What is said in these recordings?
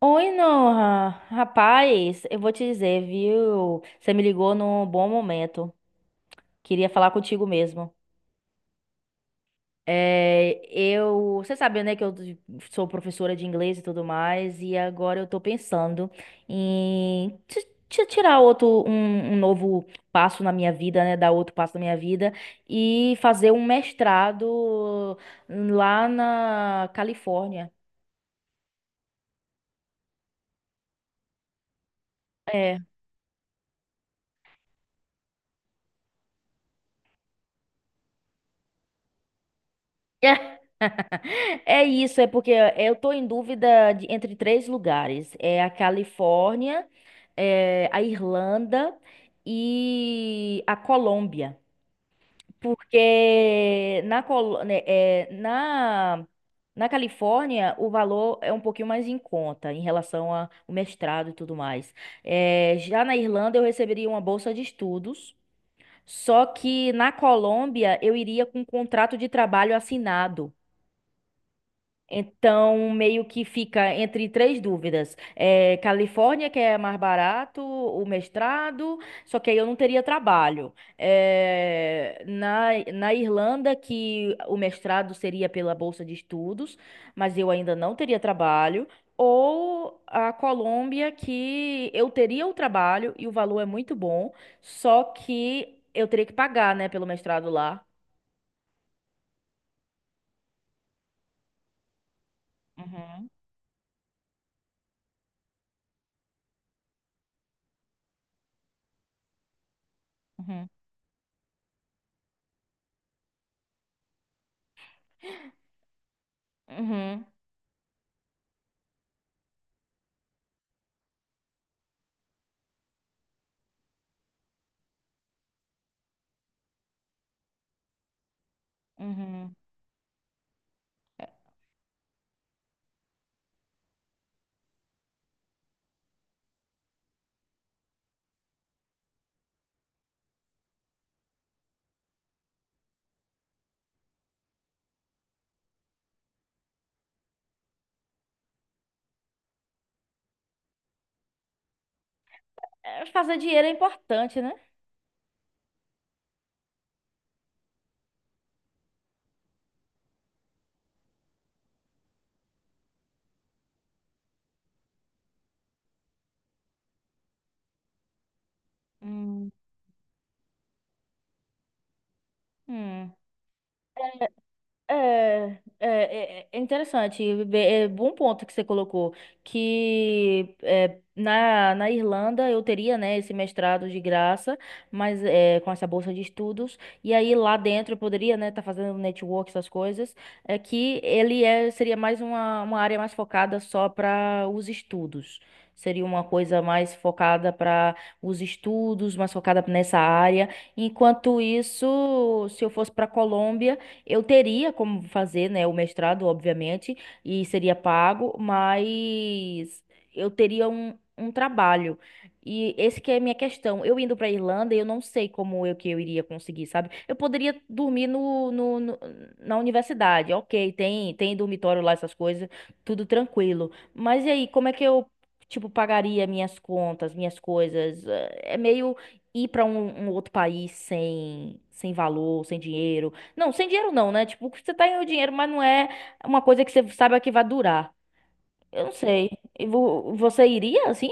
Oi, Noah. Rapaz, eu vou te dizer, viu? Você me ligou num bom momento. Queria falar contigo mesmo. Você sabe, né, que eu sou professora de inglês e tudo mais, e agora eu tô pensando em tirar outro, um novo passo na minha vida, né, dar outro passo na minha vida e fazer um mestrado lá na Califórnia. É. É isso, é porque eu tô em dúvida entre três lugares. É a Califórnia, é a Irlanda e a Colômbia. Porque na, Col- né, é, na, na Califórnia o valor é um pouquinho mais em conta em relação ao mestrado e tudo mais. Já na Irlanda eu receberia uma bolsa de estudos, só que na Colômbia eu iria com um contrato de trabalho assinado. Então, meio que fica entre três dúvidas. É, Califórnia, que é mais barato, o mestrado, só que aí eu não teria trabalho. É, na Irlanda, que o mestrado seria pela bolsa de estudos, mas eu ainda não teria trabalho. Ou a Colômbia, que eu teria o trabalho e o valor é muito bom, só que eu teria que pagar, né, pelo mestrado lá. Uhum, uhum, uhum, uhum. É, fazer dinheiro é importante, né? Hum. Hum. É, é, é interessante, é bom ponto que você colocou, que é, na Irlanda eu teria, né, esse mestrado de graça, mas é, com essa bolsa de estudos, e aí lá dentro eu poderia, né, estar fazendo network, essas coisas, seria mais uma área mais focada só para os estudos. Seria uma coisa mais focada para os estudos, mais focada nessa área. Enquanto isso, se eu fosse para Colômbia, eu teria como fazer, né, o mestrado, obviamente, e seria pago, mas eu teria um trabalho. E esse que é a minha questão. Eu indo para Irlanda, eu não sei como eu que eu iria conseguir, sabe? Eu poderia dormir na universidade, ok, tem dormitório lá, essas coisas, tudo tranquilo. Mas e aí, como é que eu, tipo, pagaria minhas contas, minhas coisas? É meio ir para um outro país sem valor, sem dinheiro não, sem dinheiro não, né? Tipo, você tá ganhando dinheiro, mas não é uma coisa que você saiba que vai durar. Eu não sei. E você iria assim?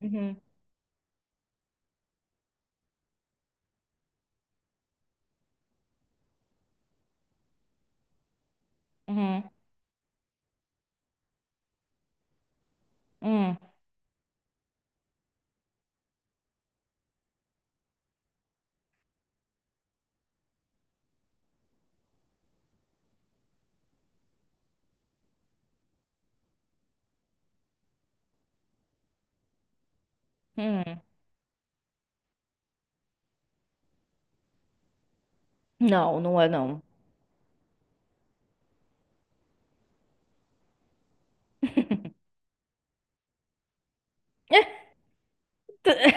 Uhum. Uhum. Uhum. Uhum. Não, não é não.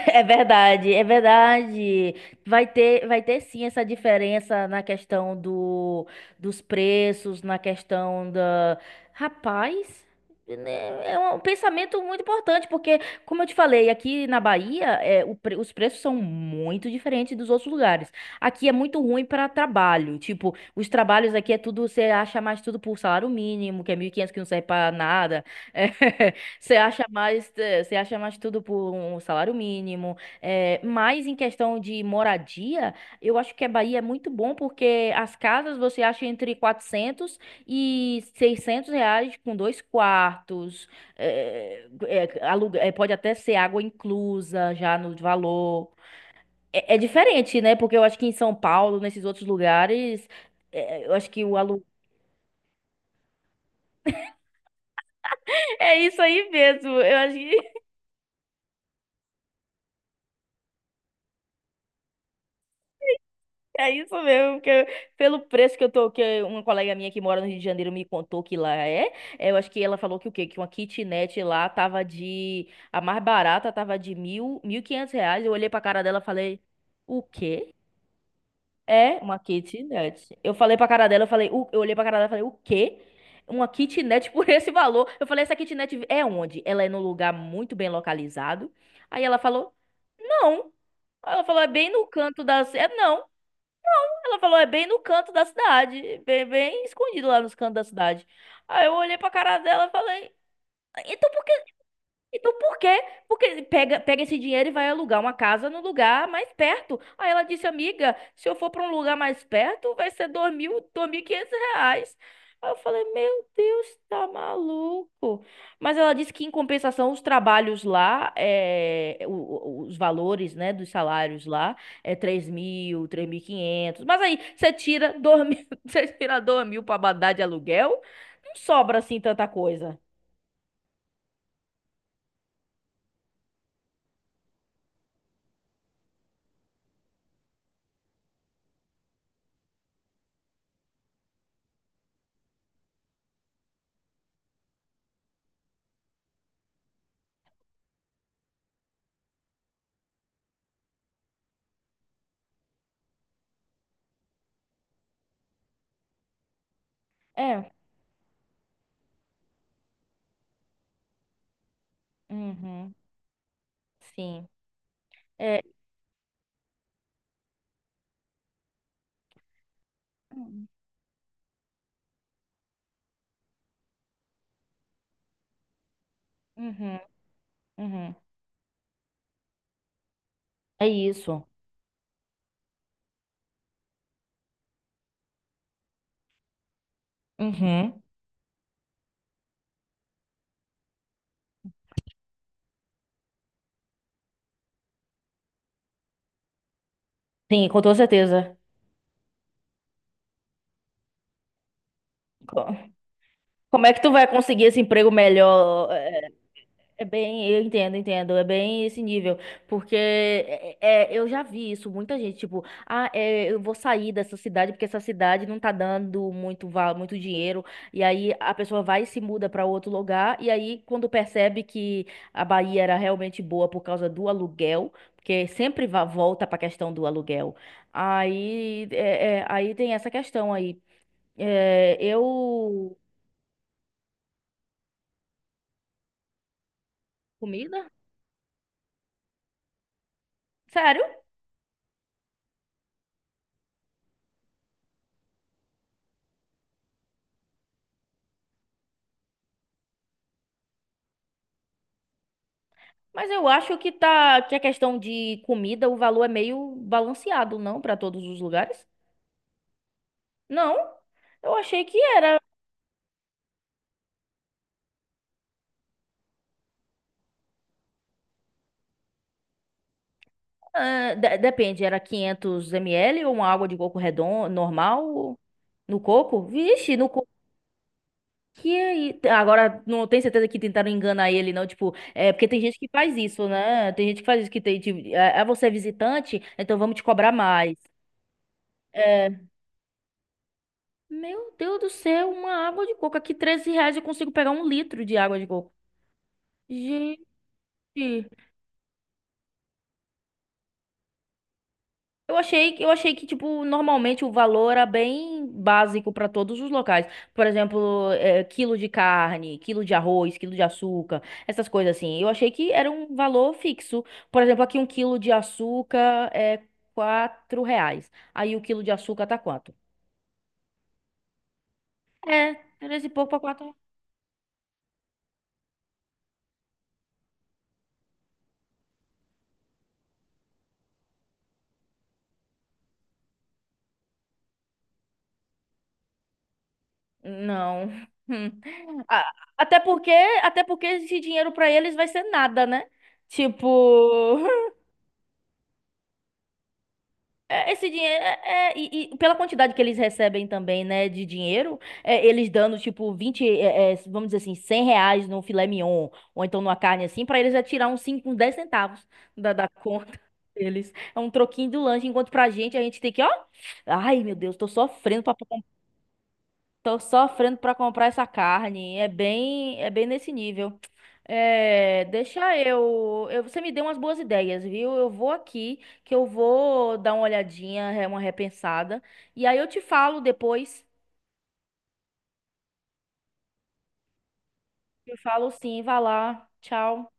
É verdade, é verdade. Vai ter sim essa diferença na questão do, dos preços, na questão da. Rapaz, né, é um pensamento muito importante, porque, como eu te falei, aqui na Bahia, é, os preços são muito diferentes dos outros lugares. Aqui é muito ruim para trabalho. Tipo, os trabalhos aqui é tudo, você acha mais tudo por salário mínimo, que é 1.500 que não serve para nada. Você acha mais, você acha mais tudo por um salário mínimo, mas em questão de moradia, eu acho que a Bahia é muito bom porque as casas você acha entre R$ 400 e R$ 600 com 2 quartos, pode até ser água inclusa já no valor. É, é diferente, né? Porque eu acho que em São Paulo, nesses outros lugares, eu acho que o aluguel... É isso aí mesmo, eu acho que É isso mesmo, porque pelo preço que eu tô, que uma colega minha que mora no Rio de Janeiro me contou que lá eu acho que ela falou que o quê? Que uma kitnet lá tava de, a mais barata tava de R$ 1.000, R$ 1.500, eu olhei pra cara dela e falei, o quê? É uma kitnet. Eu falei pra cara dela, eu falei, eu olhei pra cara dela e falei, o quê? Uma kitnet por esse valor? Eu falei, essa kitnet é onde? Ela é num lugar muito bem localizado. Aí ela falou, não. Ela falou, é bem no canto da... É, não. Ela falou, é bem no canto da cidade, bem, bem escondido lá nos cantos da cidade. Aí eu olhei pra cara dela e falei, então por então por quê? Porque pega, pega esse dinheiro e vai alugar uma casa no lugar mais perto. Aí ela disse, amiga, se eu for para um lugar mais perto, vai ser R$ 2.000, R$ 2.500. Aí eu falei, meu Deus, tá maluco. Mas ela disse que em compensação os trabalhos lá, é, os valores, né, dos salários lá é 3.000, 3.500. Mas aí você tira 2.000, você tira 2.000 para mandar de aluguel, não sobra assim tanta coisa. É. Uhum. Sim. É. Uhum, uhum. É isso. Uhum. Sim, com toda certeza. Co- Como é que tu vai conseguir esse emprego melhor? É bem, eu entendo, entendo. É bem esse nível. Porque eu já vi isso, muita gente, tipo, ah, é, eu vou sair dessa cidade porque essa cidade não tá dando muito, muito dinheiro. E aí a pessoa vai e se muda pra outro lugar. E aí, quando percebe que a Bahia era realmente boa por causa do aluguel, porque sempre volta pra questão do aluguel. Aí, aí tem essa questão aí. É, eu. Comida? Sério? Mas eu acho que tá que a questão de comida, o valor é meio balanceado, não para todos os lugares? Não. Eu achei que era, ah, depende, era 500 ml ou uma água de coco redondo normal no coco? Vixe, no coco que agora não tenho certeza que tentaram enganar ele não, tipo, é porque tem gente que faz isso, né? Tem gente que faz isso que tem, tipo, é você é visitante, então vamos te cobrar mais. É, meu Deus do céu, uma água de coco aqui, R$ 13 eu consigo pegar um litro de água de coco. Gente, eu achei que tipo normalmente o valor era bem básico para todos os locais. Por exemplo, quilo de carne, quilo de arroz, quilo de açúcar, essas coisas assim. Eu achei que era um valor fixo. Por exemplo, aqui um quilo de açúcar é R$ 4. Aí o quilo de açúcar tá quanto? É, três e pouco para quatro. Não. A- Até porque até porque esse dinheiro para eles vai ser nada, né? Tipo. É, esse dinheiro pela quantidade que eles recebem também, né, de dinheiro, é, eles dando tipo 20 vamos dizer assim, R$ 100 no filé mignon, ou então numa carne assim, pra eles é tirar uns 5 uns 10 centavos da conta deles. É um troquinho do lanche, enquanto pra gente, a gente tem que, ó, ai meu Deus, tô sofrendo pra. Tô sofrendo pra comprar essa carne. É bem nesse nível. É, deixa eu, eu. Você me deu umas boas ideias, viu? Eu vou aqui, que eu vou dar uma olhadinha, é, uma repensada. E aí eu te falo depois. Eu falo sim, vai lá. Tchau.